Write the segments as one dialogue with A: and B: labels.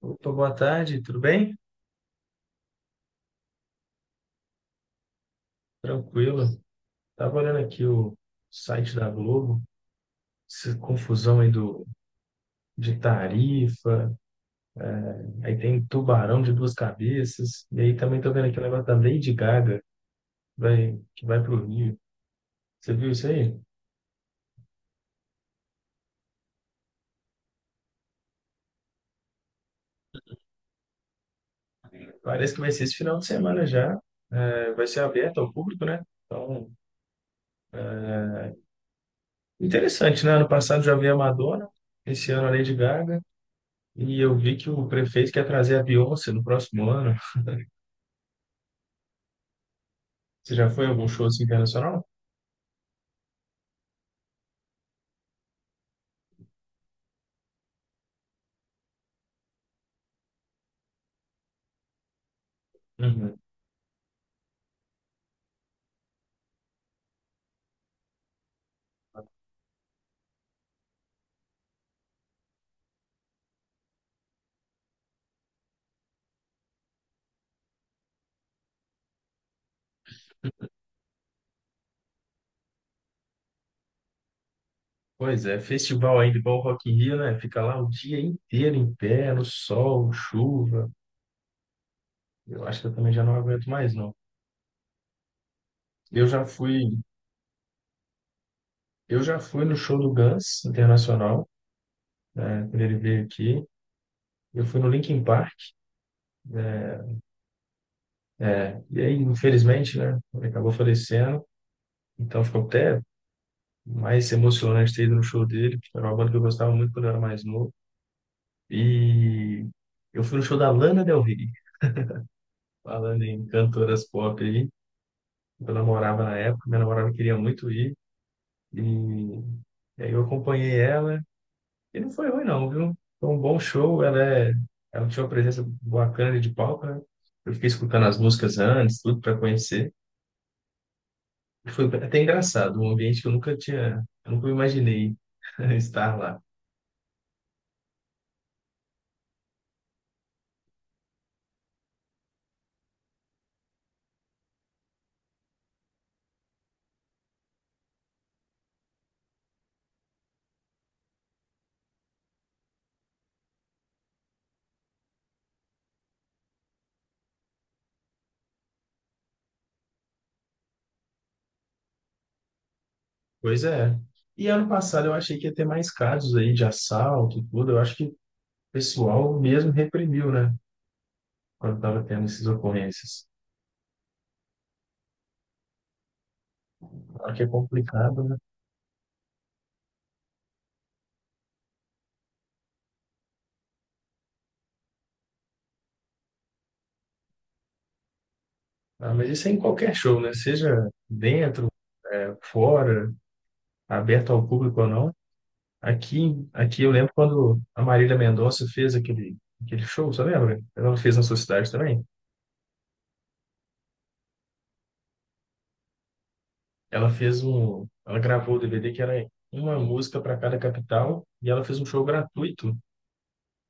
A: Opa, boa tarde, tudo bem? Tranquilo. Estava olhando aqui o site da Globo, essa confusão aí de tarifa, aí tem tubarão de duas cabeças, e aí também tô vendo aqui o negócio da Lady Gaga, que vai para o Rio. Você viu isso aí? Parece que vai ser esse final de semana já, vai ser aberto ao público, né? Então, interessante, né? Ano passado já vi a Madonna, esse ano a Lady Gaga, e eu vi que o prefeito quer trazer a Beyoncé no próximo ano. Você já foi a algum show assim, internacional? Uhum. Pois é, festival ainda igual o Rock in Rio, né? Fica lá o dia inteiro em pé, no sol, chuva. Eu acho que eu também já não aguento mais, não. Eu já fui, eu já fui no show do Guns Internacional, né? Quando ele veio aqui. Eu fui no Linkin Park, né? E aí, infelizmente, né? Ele acabou falecendo. Então ficou até mais emocionante ter ido no show dele, porque era uma banda que eu gostava muito quando eu era mais novo. E eu fui no show da Lana Del Rey, falando em cantoras pop, eu namorava na época, minha namorada queria muito ir, e, e aí eu acompanhei ela, e não foi ruim não, viu? Foi um bom show, ela tinha uma presença bacana de palco, né? Eu fiquei escutando as músicas antes, tudo para conhecer, e foi até engraçado, um ambiente que eu nunca tinha, eu nunca imaginei estar lá. Pois é. E ano passado eu achei que ia ter mais casos aí de assalto e tudo, eu acho que o pessoal mesmo reprimiu, né? Quando estava tendo essas ocorrências. Claro que é complicado, né? Ah, mas isso é em qualquer show, né? Seja dentro, né, fora, aberto ao público ou não. Aqui eu lembro quando a Marília Mendonça fez aquele show, você lembra? Ela fez na sua cidade também. Ela fez um, ela gravou o DVD que era uma música para cada capital e ela fez um show gratuito.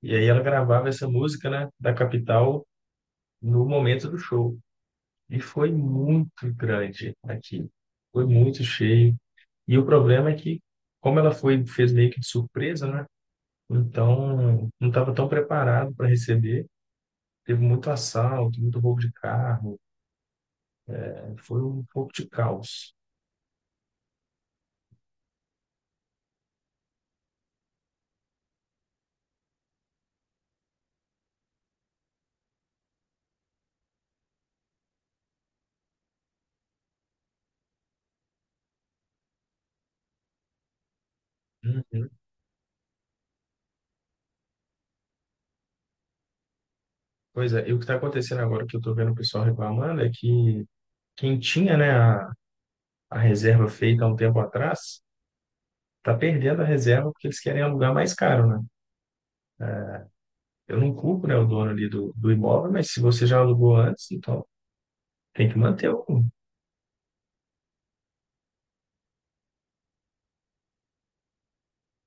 A: E aí ela gravava essa música, né, da capital no momento do show. E foi muito grande aqui. Foi muito cheio. E o problema é que, como ela foi, fez meio que de surpresa, né? Então, não estava tão preparado para receber. Teve muito assalto, muito roubo de carro. Né? Foi um pouco de caos. Uhum. Pois é, e o que está acontecendo agora que eu estou vendo o pessoal reclamando é que quem tinha, né, a reserva feita há um tempo atrás está perdendo a reserva porque eles querem alugar mais caro, né? Eu não culpo, né, o do imóvel, mas se você já alugou antes, então tem que manter o.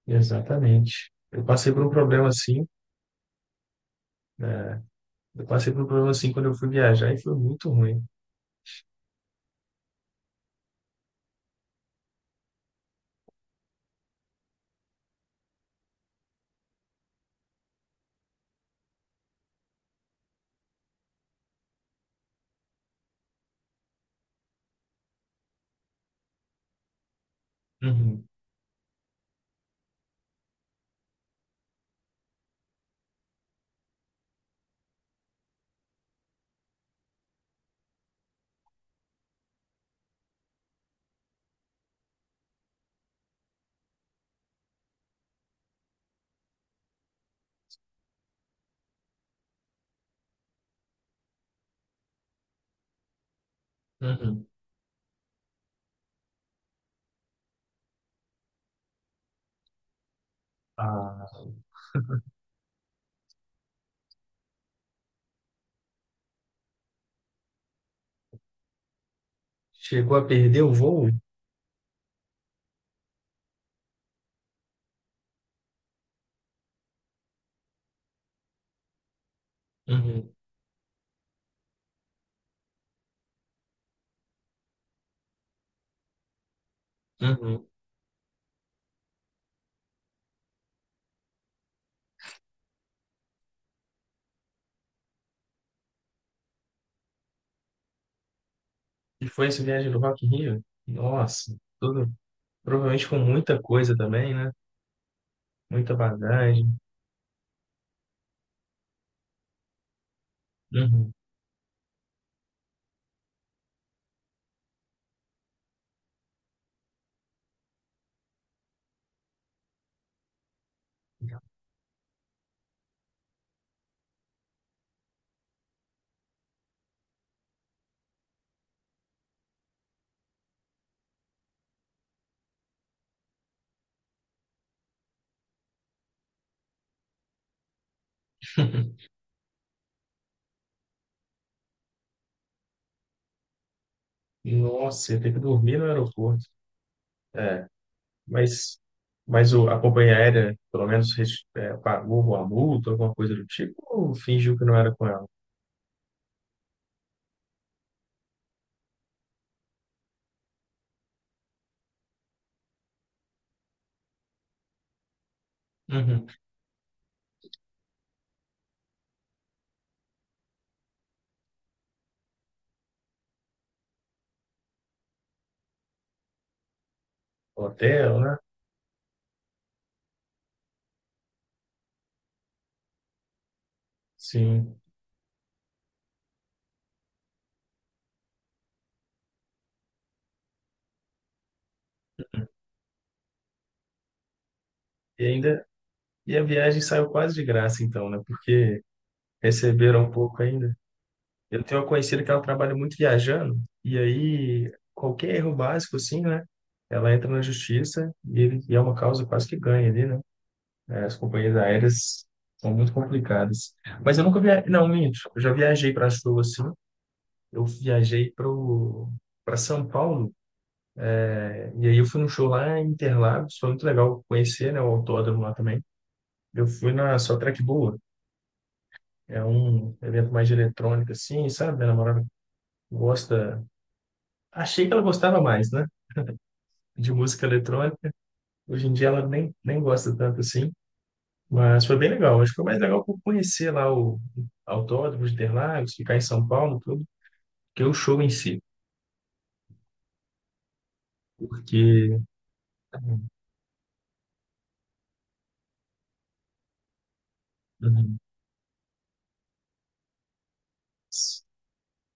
A: Exatamente. Eu passei por um problema assim, né? Eu passei por um problema assim quando eu fui viajar e foi muito ruim. Uhum, uhum. Ah, chegou a perder o voo? Uhum, uhum. E foi essa viagem do Rock in Rio? Nossa, tudo, provavelmente com muita coisa também, né? Muita bagagem. Uhum. Nossa, ia ter que dormir no aeroporto. É, mas, mas a companhia aérea, pelo menos, é, pagou uma multa, alguma coisa do tipo, ou fingiu que não era com ela? Uhum. Hotel, né? Sim. E ainda, e a viagem saiu quase de graça, então, né? Porque receberam um pouco ainda. Eu tenho uma conhecida que ela trabalha muito viajando, e aí qualquer erro básico, assim, né? Ela entra na justiça e é uma causa quase que ganha ali, né? É, as companhias aéreas são muito complicadas. Mas eu nunca viajei. Não, minto. Eu já viajei para show, assim. Eu viajei pro para São Paulo, é, e aí eu fui num show lá em Interlagos, foi muito legal conhecer, né, o autódromo lá também. Eu fui na Só Track Boa, é um evento mais de eletrônica, assim, sabe? Minha namorada gosta. Achei que ela gostava mais, né? De música eletrônica. Hoje em dia ela nem gosta tanto assim. Mas foi bem legal. Acho que foi mais legal por conhecer lá o Autódromo de Interlagos, ficar em São Paulo, tudo, que o show em si. Porque. Uhum.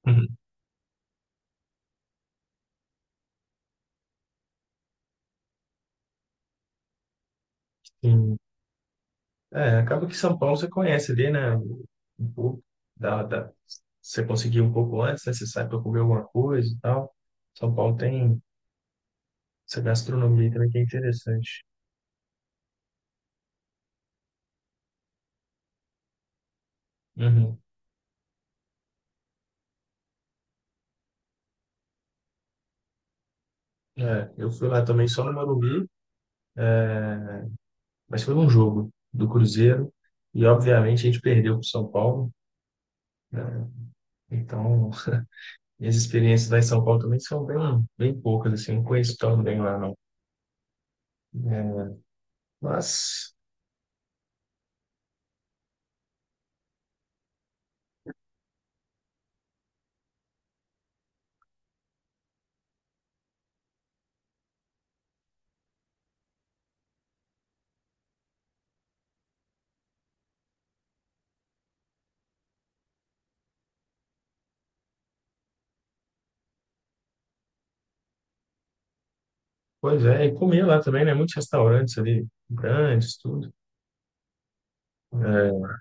A: Uhum. Sim. É, acaba que São Paulo você conhece ali, né? Um pouco da... Você conseguir um pouco antes, né? Você sai para comer alguma coisa e tal. São Paulo tem essa gastronomia também que é interessante. Uhum. É, eu fui lá também só no Morumbi, mas foi um jogo do Cruzeiro e, obviamente, a gente perdeu para o São Paulo. Né? Então, minhas experiências lá em São Paulo também são bem, bem poucas, assim, não conheço tão bem lá, não. É, mas, pois é, e comer lá também, né? Muitos restaurantes ali, grandes, tudo. É,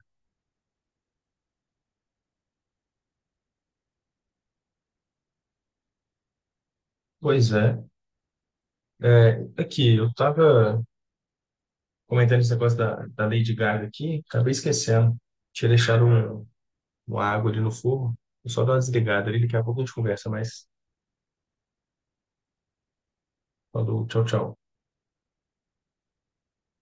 A: pois é. É, aqui, eu estava comentando esse negócio da Lady Gaga aqui, acabei esquecendo. Tinha deixado um, uma água ali no fogo, vou só dar uma desligada ali, daqui a pouco a gente conversa, mas falou, tchau, tchau.